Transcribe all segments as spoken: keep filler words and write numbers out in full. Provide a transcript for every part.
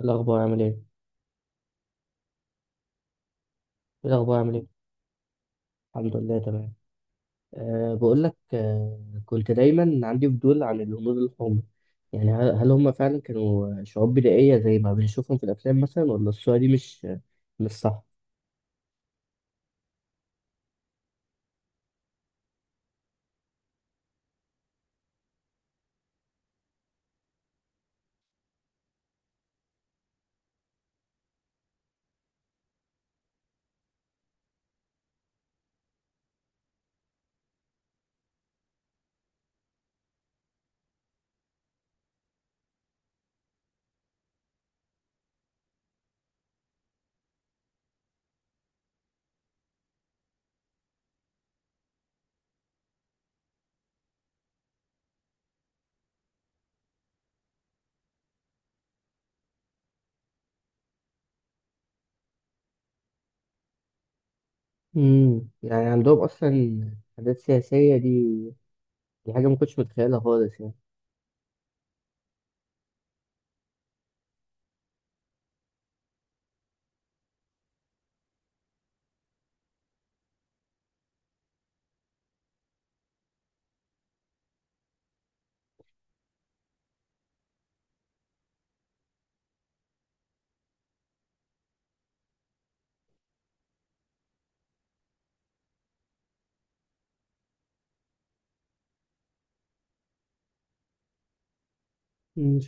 الأخبار عامل إيه؟ الأخبار عامل إيه؟ الحمد لله تمام. أه بقول لك أه كنت دايما عندي فضول عن الهنود الحمر. يعني هل هل هم فعلا كانوا شعوب بدائية زي ما بنشوفهم في الأفلام مثلا، ولا الصورة دي مش مش صح؟ امم يعني عندهم أصلا حاجات سياسية دي. دي حاجة ما كنتش متخيلها خالص يعني. امم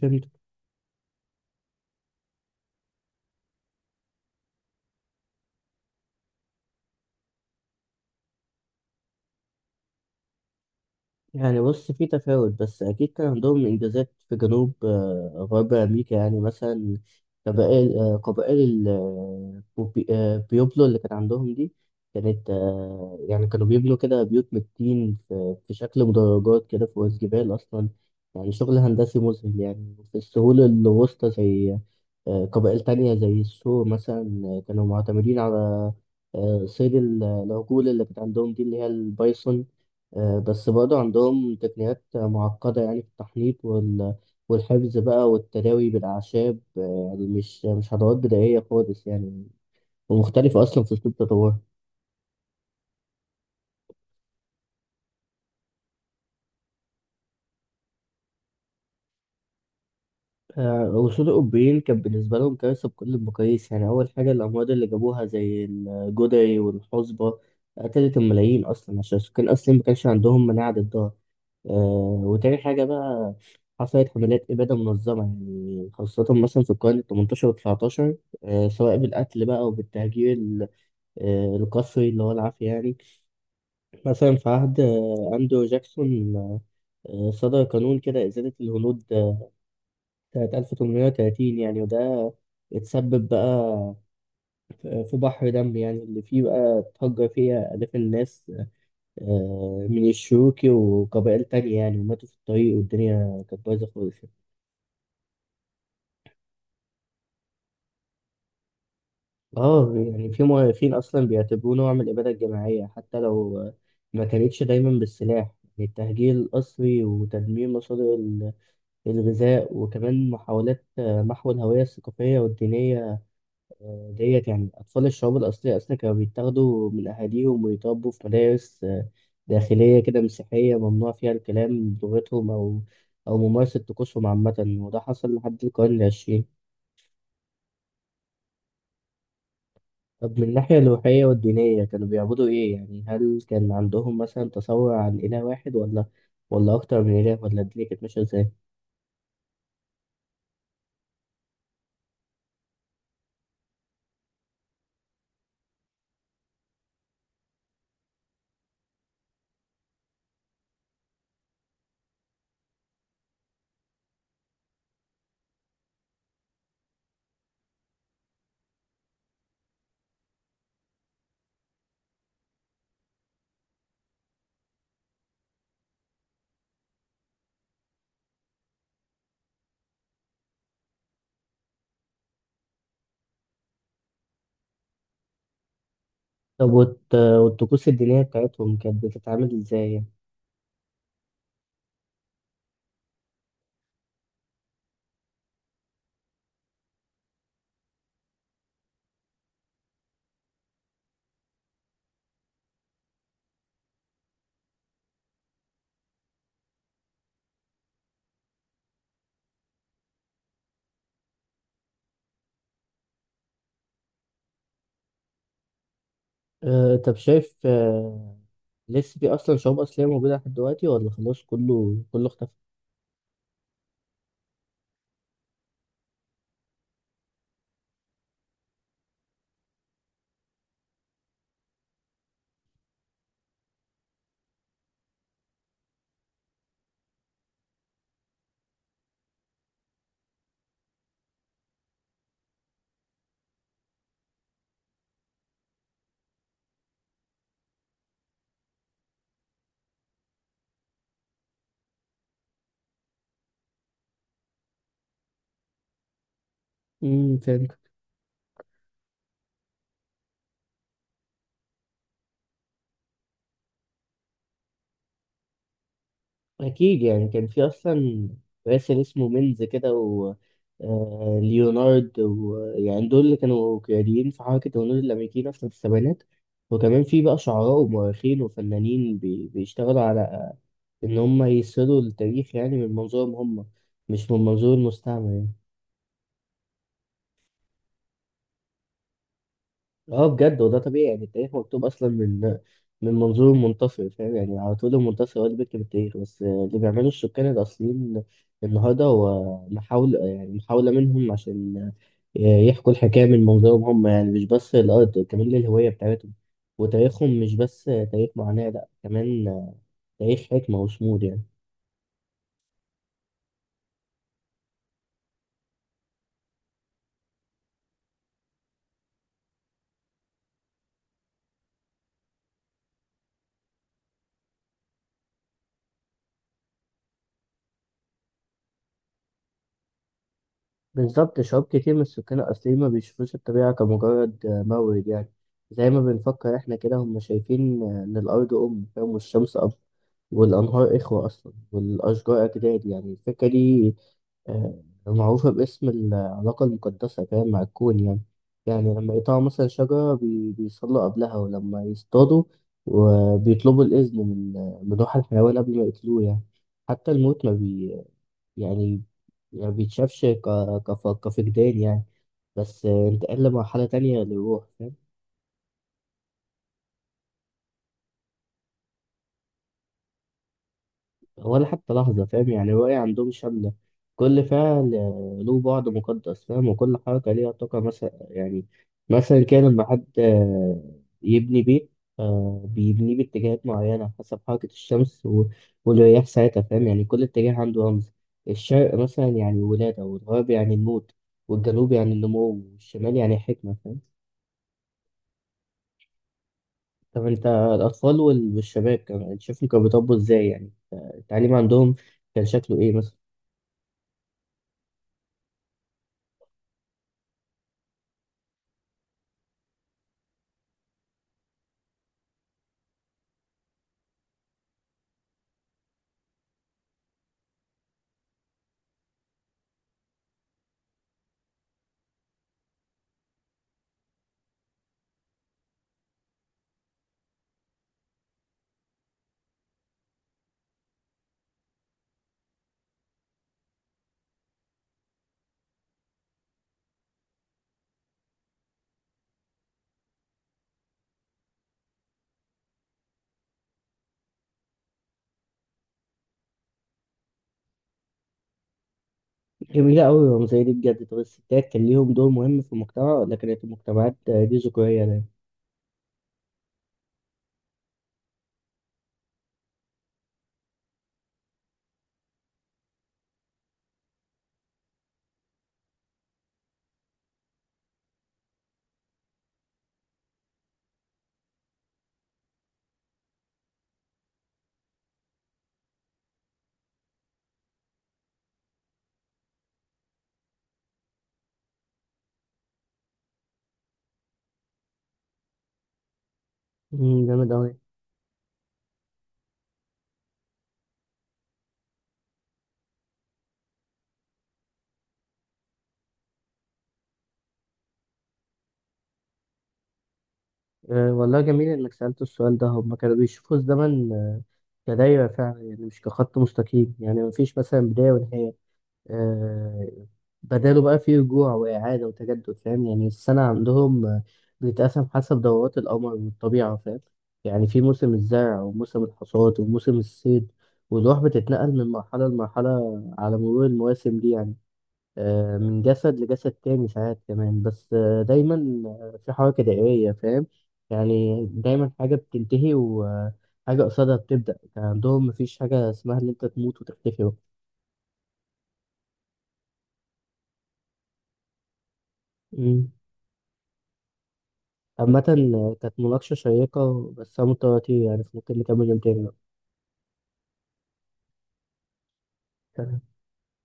يعني بص، في تفاوت، بس أكيد كان عندهم إنجازات في جنوب آه، غرب أمريكا، يعني مثلا قبائل آه، قبائل ال- آه، بوبي- آه، بيوبلو اللي كان عندهم دي، كانت آه، يعني كانوا بيبنوا كده بيوت من الطين في في شكل مدرجات كده فوق الجبال أصلا. يعني شغل هندسي مذهل. يعني في السهول الوسطى زي آه، قبائل تانية زي السور مثلا، آه، كانوا معتمدين على آه، صيد ال- العجول اللي كانت عندهم دي، اللي هي البايسون. آه، بس برضه عندهم تقنيات معقدة يعني في التحنيط وال- والحفظ بقى والتداوي بالأعشاب. آه، يعني مش مش خطوات بدائية خالص يعني، ومختلفة أصلا في أسلوب تطورها. آه، وصول الأوروبيين كان بالنسبة لهم كارثة بكل المقاييس. يعني أول حاجة، الأمراض اللي جابوها زي الجدعي والحصبة قتلت الملايين أصلا، عشان السكان أصلا ما كانش عندهم مناعة ضدها. آه، وتاني حاجة بقى، حصلت حملات إبادة منظمة، يعني خاصة مثلا في القرن التمنتاشر والتسعتاشر، آه، سواء بالقتل بقى أو بالتهجير ال- آه، القسري اللي هو العافية يعني. مثلا في عهد آه، أندرو جاكسون آه، صدر قانون كده إزالة الهنود آه، سنة ألف وثمانمائة وثلاثين، يعني وده اتسبب بقى في بحر دم يعني، اللي فيه بقى اتهجر فيها آلاف الناس، آه، من الشيوخ وقبائل تانية يعني، وماتوا في الطريق، والدنيا كانت بايظة خالص. اه يعني في مؤرخين اصلا بيعتبروه نوع من الاباده الجماعيه، حتى لو آه، ما كانتش دايما بالسلاح. يعني التهجير القسري وتدمير مصادر ال- الغذاء، وكمان محاولات آه، محو الهويه الثقافيه والدينيه ديت. يعني اطفال الشعوب الاصليه اصلا كانوا بيتاخدوا من اهاليهم ويتربوا في مدارس آه، داخليه كده مسيحيه، ممنوع فيها الكلام بلغتهم او او ممارسه طقوسهم عامه. وده حصل لحد القرن العشرين. طب، من الناحية الروحية والدينية كانوا بيعبدوا إيه؟ يعني هل كان عندهم مثلا تصور عن إله واحد، ولا ولا أكتر من إله، ولا الدنيا كانت ماشية إزاي؟ طب والت- والطقوس الدينية بتاعتهم كانت بتتعامل إزاي يعني؟ أه، طب شايف، أه لسه في أصلا شعوب أصلية موجودة لحد دلوقتي، ولا خلاص كله كله اختفى؟ امم أكيد، يعني كان في أصلا راسل اسمه مينز كده، و آه، ليونارد، ويعني دول اللي كانوا قياديين في حركة الهنود الأمريكيين أصلا في السبعينات. وكمان في بقى شعراء ومؤرخين وفنانين بي- بيشتغلوا على إن هم يسردوا التاريخ يعني من منظورهم هم، مش من منظور المستعمر يعني. اه بجد، وده طبيعي. يعني التاريخ مكتوب اصلا من من منظور المنتصر، فاهم؟ يعني على طول المنتصر هو اللي بيكتب التاريخ، بس اللي بيعمله السكان الاصليين النهارده هو محاولة، يعني محاولة منهم عشان يحكوا الحكاية من منظورهم هم. يعني مش بس الأرض، كمان للهوية بتاعتهم. وتاريخهم مش بس تاريخ معاناة، لأ، كمان تاريخ حكمة وصمود يعني. بالظبط، شعوب كتير من السكان الأصليين ما بيشوفوش الطبيعة كمجرد آه، مورد، يعني زي ما بنفكر إحنا كده. هم شايفين آه، إن الأرض أم، فاهم، والشمس أب، والأنهار إخوة أصلا، والأشجار أجداد. يعني الفكرة دي آه، معروفة باسم العلاقة المقدسة، فاهم، مع الكون يعني يعني لما يقطعوا مثلا شجرة بي- بيصلوا قبلها، ولما يصطادوا وبيطلبوا الإذن من من روح الحيوان قبل ما يقتلوه يعني. حتى الموت ما, بي يعني ما بيتشافش ك- كف- كفقدان يعني، بس انتقل لمرحلة تانية للروح، فاهم. ولا حتى لحظة، فاهم. يعني الرؤية عندهم شاملة، كل فعل آه، له بعد مقدس، فاهم، وكل حركة ليها طاقة. مثلا يعني مثلا كان لما حد آه، يبني بيت آه، بيبنيه باتجاهات معينة حسب حركة الشمس و- والرياح ساعتها، فاهم. يعني كل اتجاه عنده رمز، الشرق مثلا يعني ولادة، والغرب يعني الموت، والجنوب يعني النمو، والشمال يعني حكمة، فاهم. طب انت، الاطفال وال- والشباب كمان شايفهم كانوا بيطبوا ازاي يعني؟ التعليم عندهم كان شكله ايه مثلا؟ جميلة أوي الرمزية دي بجد. طب الستات كان ليهم دور مهم في المجتمع، ولا كانت المجتمعات آه، دي ذكورية دايما؟ مم، جامد أوي. أه والله، جميل إنك سألت السؤال ده. هما كانوا بيشوفوا الزمن آه، كدايرة فعلا، يعني مش كخط مستقيم. يعني مفيش مثلا بداية ونهاية، آه، بداله بقى فيه رجوع وإعادة وتجدد، فاهم. يعني السنة عندهم آه، بتتقسم حسب دورات القمر والطبيعة، فاهم، يعني في موسم الزرع وموسم الحصاد وموسم الصيد. والروح بتتنقل من مرحلة لمرحلة على مرور المواسم دي يعني، آه، من جسد لجسد تاني ساعات كمان، بس آه، دايما آه، في حركة دائرية، فاهم. يعني دايما حاجة بتنتهي وحاجة قصادها بتبدأ، كان عندهم مفيش حاجة اسمها إن أنت تموت وتختفي. مم. عامة كانت مناقشة شيقة، بس أنا مضطر أطير يعني، فممكن نكمل يوم تاني بقى.